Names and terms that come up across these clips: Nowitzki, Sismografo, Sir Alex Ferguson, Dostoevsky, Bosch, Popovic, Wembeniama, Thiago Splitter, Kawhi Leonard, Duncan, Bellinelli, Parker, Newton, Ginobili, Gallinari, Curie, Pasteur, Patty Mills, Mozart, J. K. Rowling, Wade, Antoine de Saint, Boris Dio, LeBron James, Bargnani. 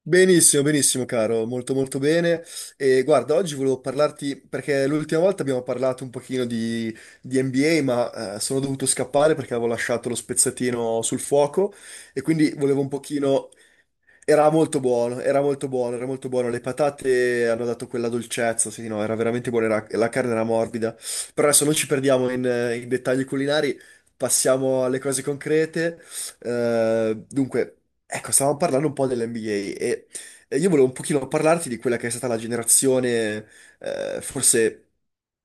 Benissimo, benissimo, caro, molto molto bene. E guarda, oggi volevo parlarti perché l'ultima volta abbiamo parlato un pochino di NBA, ma sono dovuto scappare perché avevo lasciato lo spezzatino sul fuoco e quindi volevo un pochino. Era molto buono, era molto buono, era molto buono. Le patate hanno dato quella dolcezza, sì, no, era veramente buona, la carne era morbida. Però adesso non ci perdiamo in dettagli culinari, passiamo alle cose concrete. Dunque, ecco, stavamo parlando un po' dell'NBA e e io volevo un pochino parlarti di quella che è stata la generazione, forse.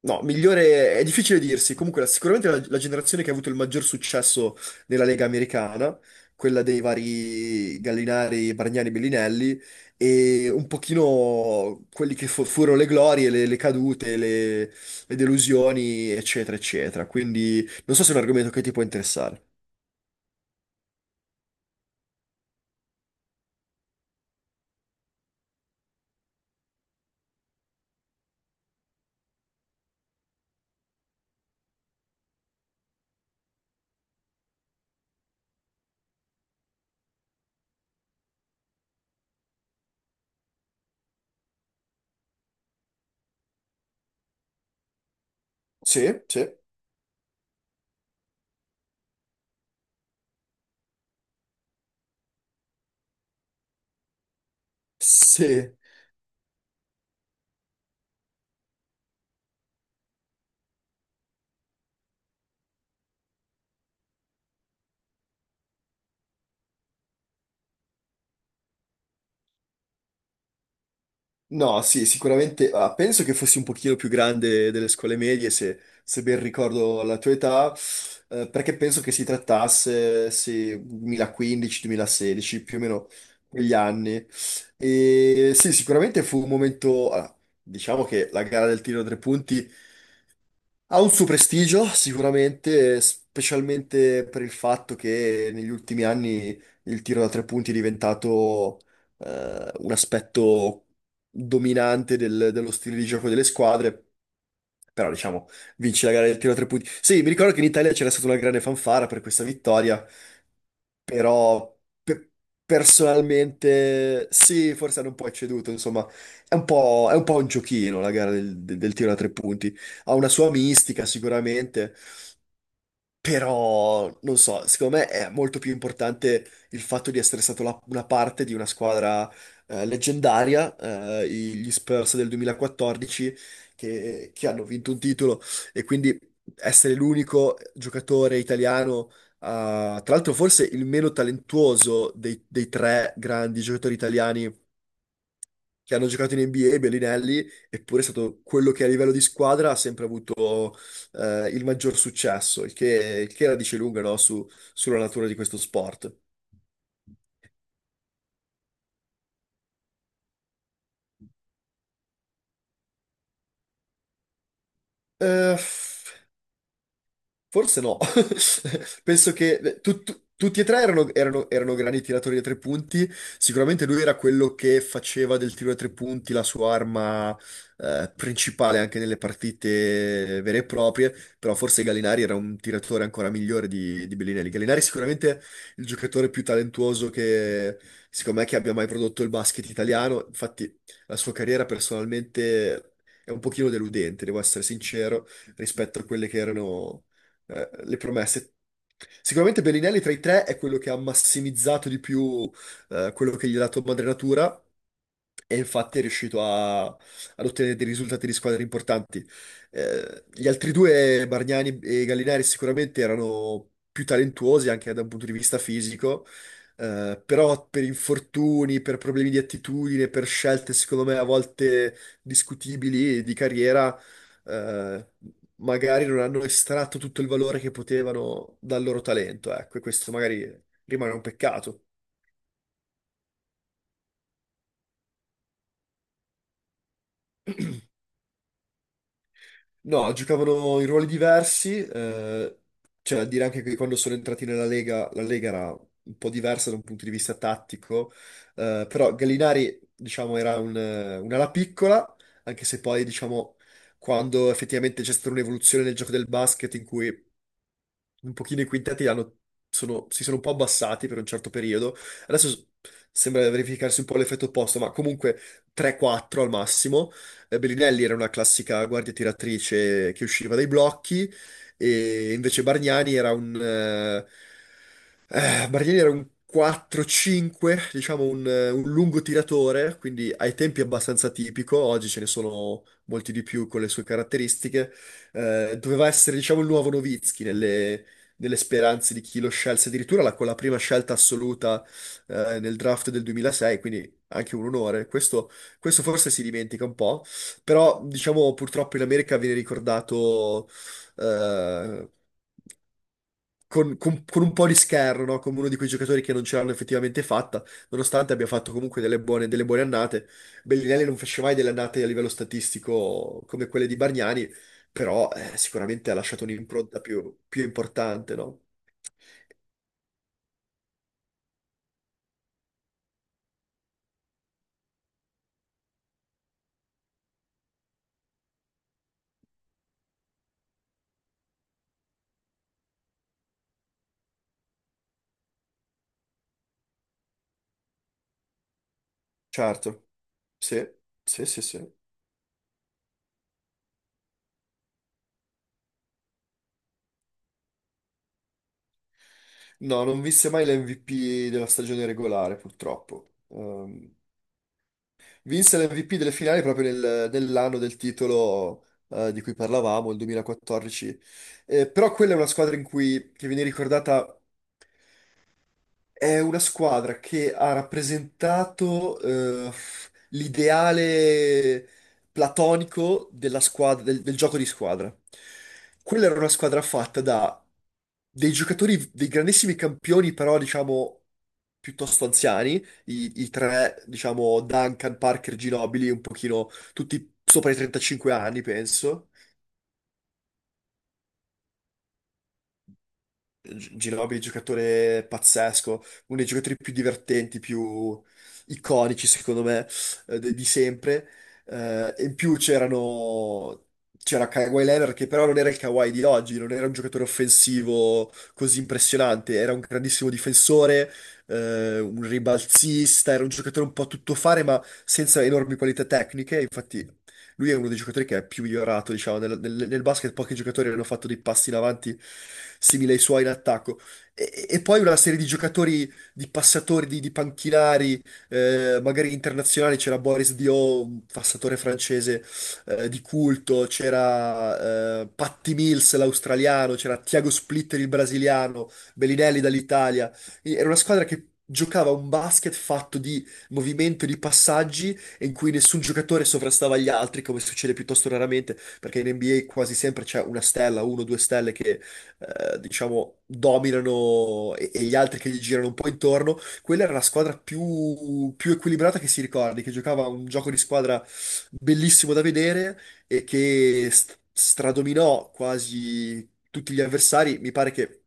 No, migliore è difficile dirsi. Comunque, sicuramente la generazione che ha avuto il maggior successo nella Lega americana, quella dei vari Gallinari, Bargnani, Bellinelli e un pochino quelli che furono le glorie, le cadute, le delusioni, eccetera, eccetera. Quindi non so se è un argomento che ti può interessare. Sì, sì. Sì. No, sì, sicuramente. Penso che fossi un pochino più grande delle scuole medie, se ben ricordo la tua età, perché penso che si trattasse, sì, 2015-2016, più o meno quegli anni. E sì, sicuramente fu un momento, diciamo, che la gara del tiro a tre punti ha un suo prestigio, sicuramente, specialmente per il fatto che negli ultimi anni il tiro da tre punti è diventato un aspetto dominante dello stile di gioco delle squadre. Però, diciamo, vince la gara del tiro da tre punti. Sì, mi ricordo che in Italia c'era stata una grande fanfara per questa vittoria, però pe- personalmente sì, forse hanno un po' ecceduto, insomma, è un po' un giochino la gara del tiro da tre punti, ha una sua mistica sicuramente, però, non so, secondo me è molto più importante il fatto di essere stato una parte di una squadra leggendaria, gli Spurs del 2014, che hanno vinto un titolo e quindi essere l'unico giocatore italiano, tra l'altro forse il meno talentuoso dei tre grandi giocatori italiani che hanno giocato in NBA, Bellinelli, eppure è stato quello che a livello di squadra ha sempre avuto il maggior successo, il che la dice lunga, no, sulla natura di questo sport. Eh, Forse no. Penso che tutti e tre erano, erano grandi tiratori da tre punti. Sicuramente lui era quello che faceva del tiro da tre punti la sua arma principale anche nelle partite vere e proprie, però forse Gallinari era un tiratore ancora migliore di Bellinelli. Gallinari è sicuramente il giocatore più talentuoso che secondo me che abbia mai prodotto il basket italiano. Infatti la sua carriera personalmente è un pochino deludente, devo essere sincero rispetto a quelle che erano le promesse. Sicuramente Bellinelli tra i tre è quello che ha massimizzato di più quello che gli ha dato Madre Natura e infatti è riuscito ad ottenere dei risultati di squadre importanti. Gli altri due, Bargnani e Gallinari, sicuramente erano più talentuosi anche da un punto di vista fisico, però per infortuni, per problemi di attitudine, per scelte secondo me a volte discutibili di carriera, magari non hanno estratto tutto il valore che potevano dal loro talento, ecco, e questo magari rimane un peccato. No, giocavano in ruoli diversi, cioè a dire anche che quando sono entrati nella Lega, la Lega era un po' diversa da un punto di vista tattico, però Gallinari, diciamo, era un'ala piccola, anche se poi, diciamo, quando effettivamente c'è stata un'evoluzione nel gioco del basket in cui un pochino i quintetti si sono un po' abbassati per un certo periodo. Adesso sembra verificarsi un po' l'effetto opposto, ma comunque 3-4 al massimo. Bellinelli era una classica guardia tiratrice che usciva dai blocchi, e invece Bargnani era un 4-5, diciamo un lungo tiratore, quindi ai tempi abbastanza tipico, oggi ce ne sono molti di più con le sue caratteristiche. Doveva essere, diciamo, il nuovo Nowitzki delle speranze di chi lo scelse, addirittura con la prima scelta assoluta nel draft del 2006, quindi anche un onore. Questo forse si dimentica un po', però diciamo purtroppo in America viene ricordato, eh, con un po' di scherno, no? Come uno di quei giocatori che non ce l'hanno effettivamente fatta, nonostante abbia fatto comunque delle buone annate. Bellinelli non fece mai delle annate a livello statistico come quelle di Bargnani, però sicuramente ha lasciato un'impronta più importante, no? Certo, sì, sì, sì, sì. No, non vinse mai l'MVP della stagione regolare, purtroppo. Vinse l'MVP delle finali proprio nell'anno del titolo, di cui parlavamo, il 2014. Però quella è una squadra in cui, che viene ricordata. È una squadra che ha rappresentato, l'ideale platonico della squadra, del gioco di squadra. Quella era una squadra fatta da dei giocatori, dei grandissimi campioni, però diciamo piuttosto anziani, i tre, diciamo Duncan, Parker, Ginobili, un pochino tutti sopra i 35 anni, penso. Ginobili è un giocatore pazzesco, uno dei giocatori più divertenti, più iconici, secondo me, di sempre. E in più c'erano. C'era Kawhi Leonard che però non era il Kawhi di oggi, non era un giocatore offensivo così impressionante, era un grandissimo difensore, un ribalzista, era un giocatore un po' a tuttofare ma senza enormi qualità tecniche, infatti lui è uno dei giocatori che è più migliorato, diciamo, nel basket. Pochi giocatori hanno fatto dei passi in avanti simili ai suoi in attacco. E poi una serie di giocatori, di passatori, di panchinari, magari internazionali, c'era Boris Dio, un passatore francese di culto, c'era Patty Mills, l'australiano, c'era Thiago Splitter, il brasiliano, Bellinelli dall'Italia. Era una squadra che giocava un basket fatto di movimento e di passaggi in cui nessun giocatore sovrastava gli altri, come succede piuttosto raramente, perché in NBA quasi sempre c'è una stella, uno o due stelle che, diciamo, dominano e gli altri che gli girano un po' intorno. Quella era la squadra più equilibrata che si ricordi, che giocava un gioco di squadra bellissimo da vedere e che stradominò quasi tutti gli avversari. Mi pare che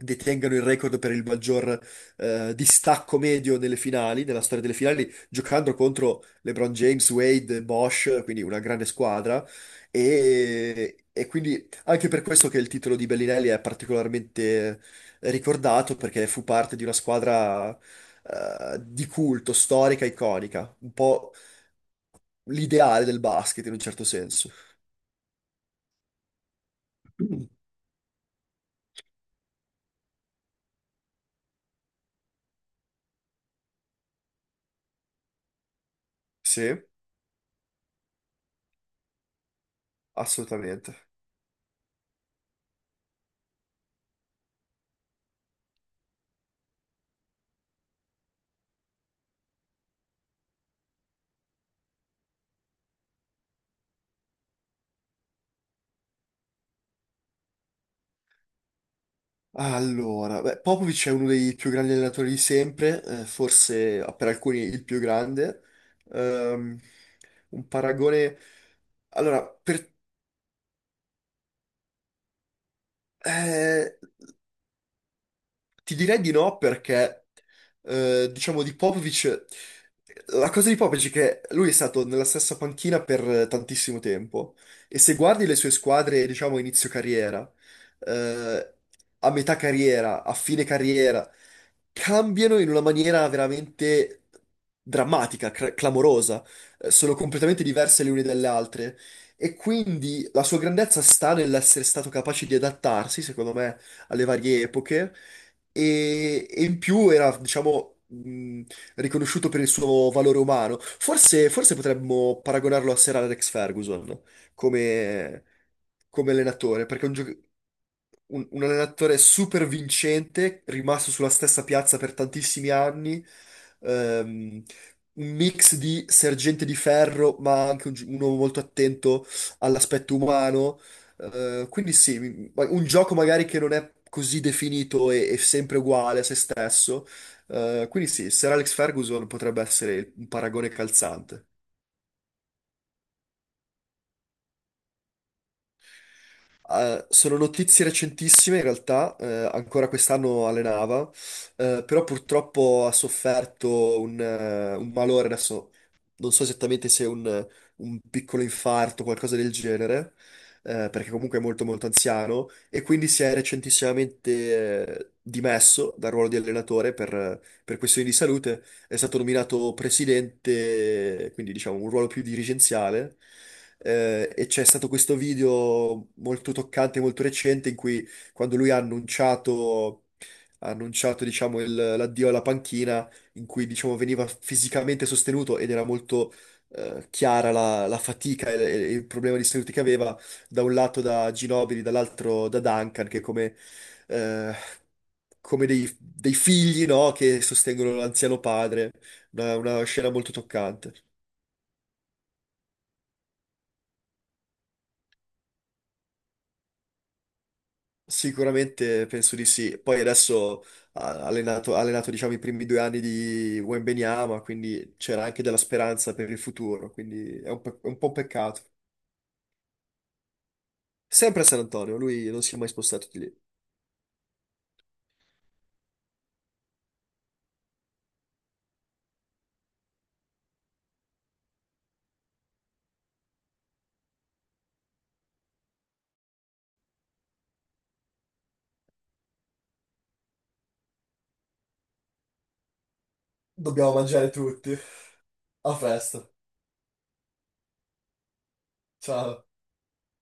detengano il record per il maggior distacco medio nelle finali, nella storia delle finali, giocando contro LeBron James, Wade, Bosch, quindi una grande squadra. E quindi anche per questo che il titolo di Bellinelli è particolarmente ricordato, perché fu parte di una squadra di culto, storica, iconica, un po' l'ideale del basket in un certo senso. Sì, assolutamente. Allora, beh, Popovic è uno dei più grandi allenatori di sempre, forse, per alcuni il più grande. Ehm, un paragone. Allora, eh, Ti direi di no perché, diciamo, di Popovic, la cosa di Popovic è che lui è stato nella stessa panchina per tantissimo tempo e se guardi le sue squadre, diciamo, a inizio carriera, eh, a metà carriera, a fine carriera, cambiano in una maniera veramente drammatica, clamorosa. Sono completamente diverse le une dalle altre e quindi la sua grandezza sta nell'essere stato capace di adattarsi, secondo me, alle varie epoche e in più era, diciamo, riconosciuto per il suo valore umano. Forse, forse potremmo paragonarlo a Sir Alex Ferguson come, come allenatore, perché è un allenatore super vincente, rimasto sulla stessa piazza per tantissimi anni, ehm, un mix di sergente di ferro, ma anche uno molto attento all'aspetto umano, quindi sì, un gioco magari che non è così definito e sempre uguale a se stesso. Quindi sì, Sir Alex Ferguson potrebbe essere un paragone calzante. Sono notizie recentissime, in realtà, ancora quest'anno allenava, però purtroppo ha sofferto un malore. Adesso non so esattamente se è un piccolo infarto o qualcosa del genere, perché comunque è molto molto anziano, e quindi si è recentissimamente, dimesso dal ruolo di allenatore per questioni di salute. È stato nominato presidente, quindi diciamo un ruolo più dirigenziale, e c'è stato questo video molto toccante, molto recente, in cui quando lui ha annunciato, diciamo, l'addio alla panchina, in cui diciamo, veniva fisicamente sostenuto ed era molto, chiara la fatica e il problema di salute che aveva, da un lato da Ginobili, dall'altro da Duncan, che eh, come dei figli, no, che sostengono l'anziano padre. Una scena molto toccante. Sicuramente penso di sì. Poi adesso ha allenato, diciamo, i primi 2 anni di Wembeniama, quindi c'era anche della speranza per il futuro, quindi è è un po' un peccato. Sempre a San Antonio, lui non si è mai spostato di lì. Dobbiamo mangiare tutti. A festa. Ciao.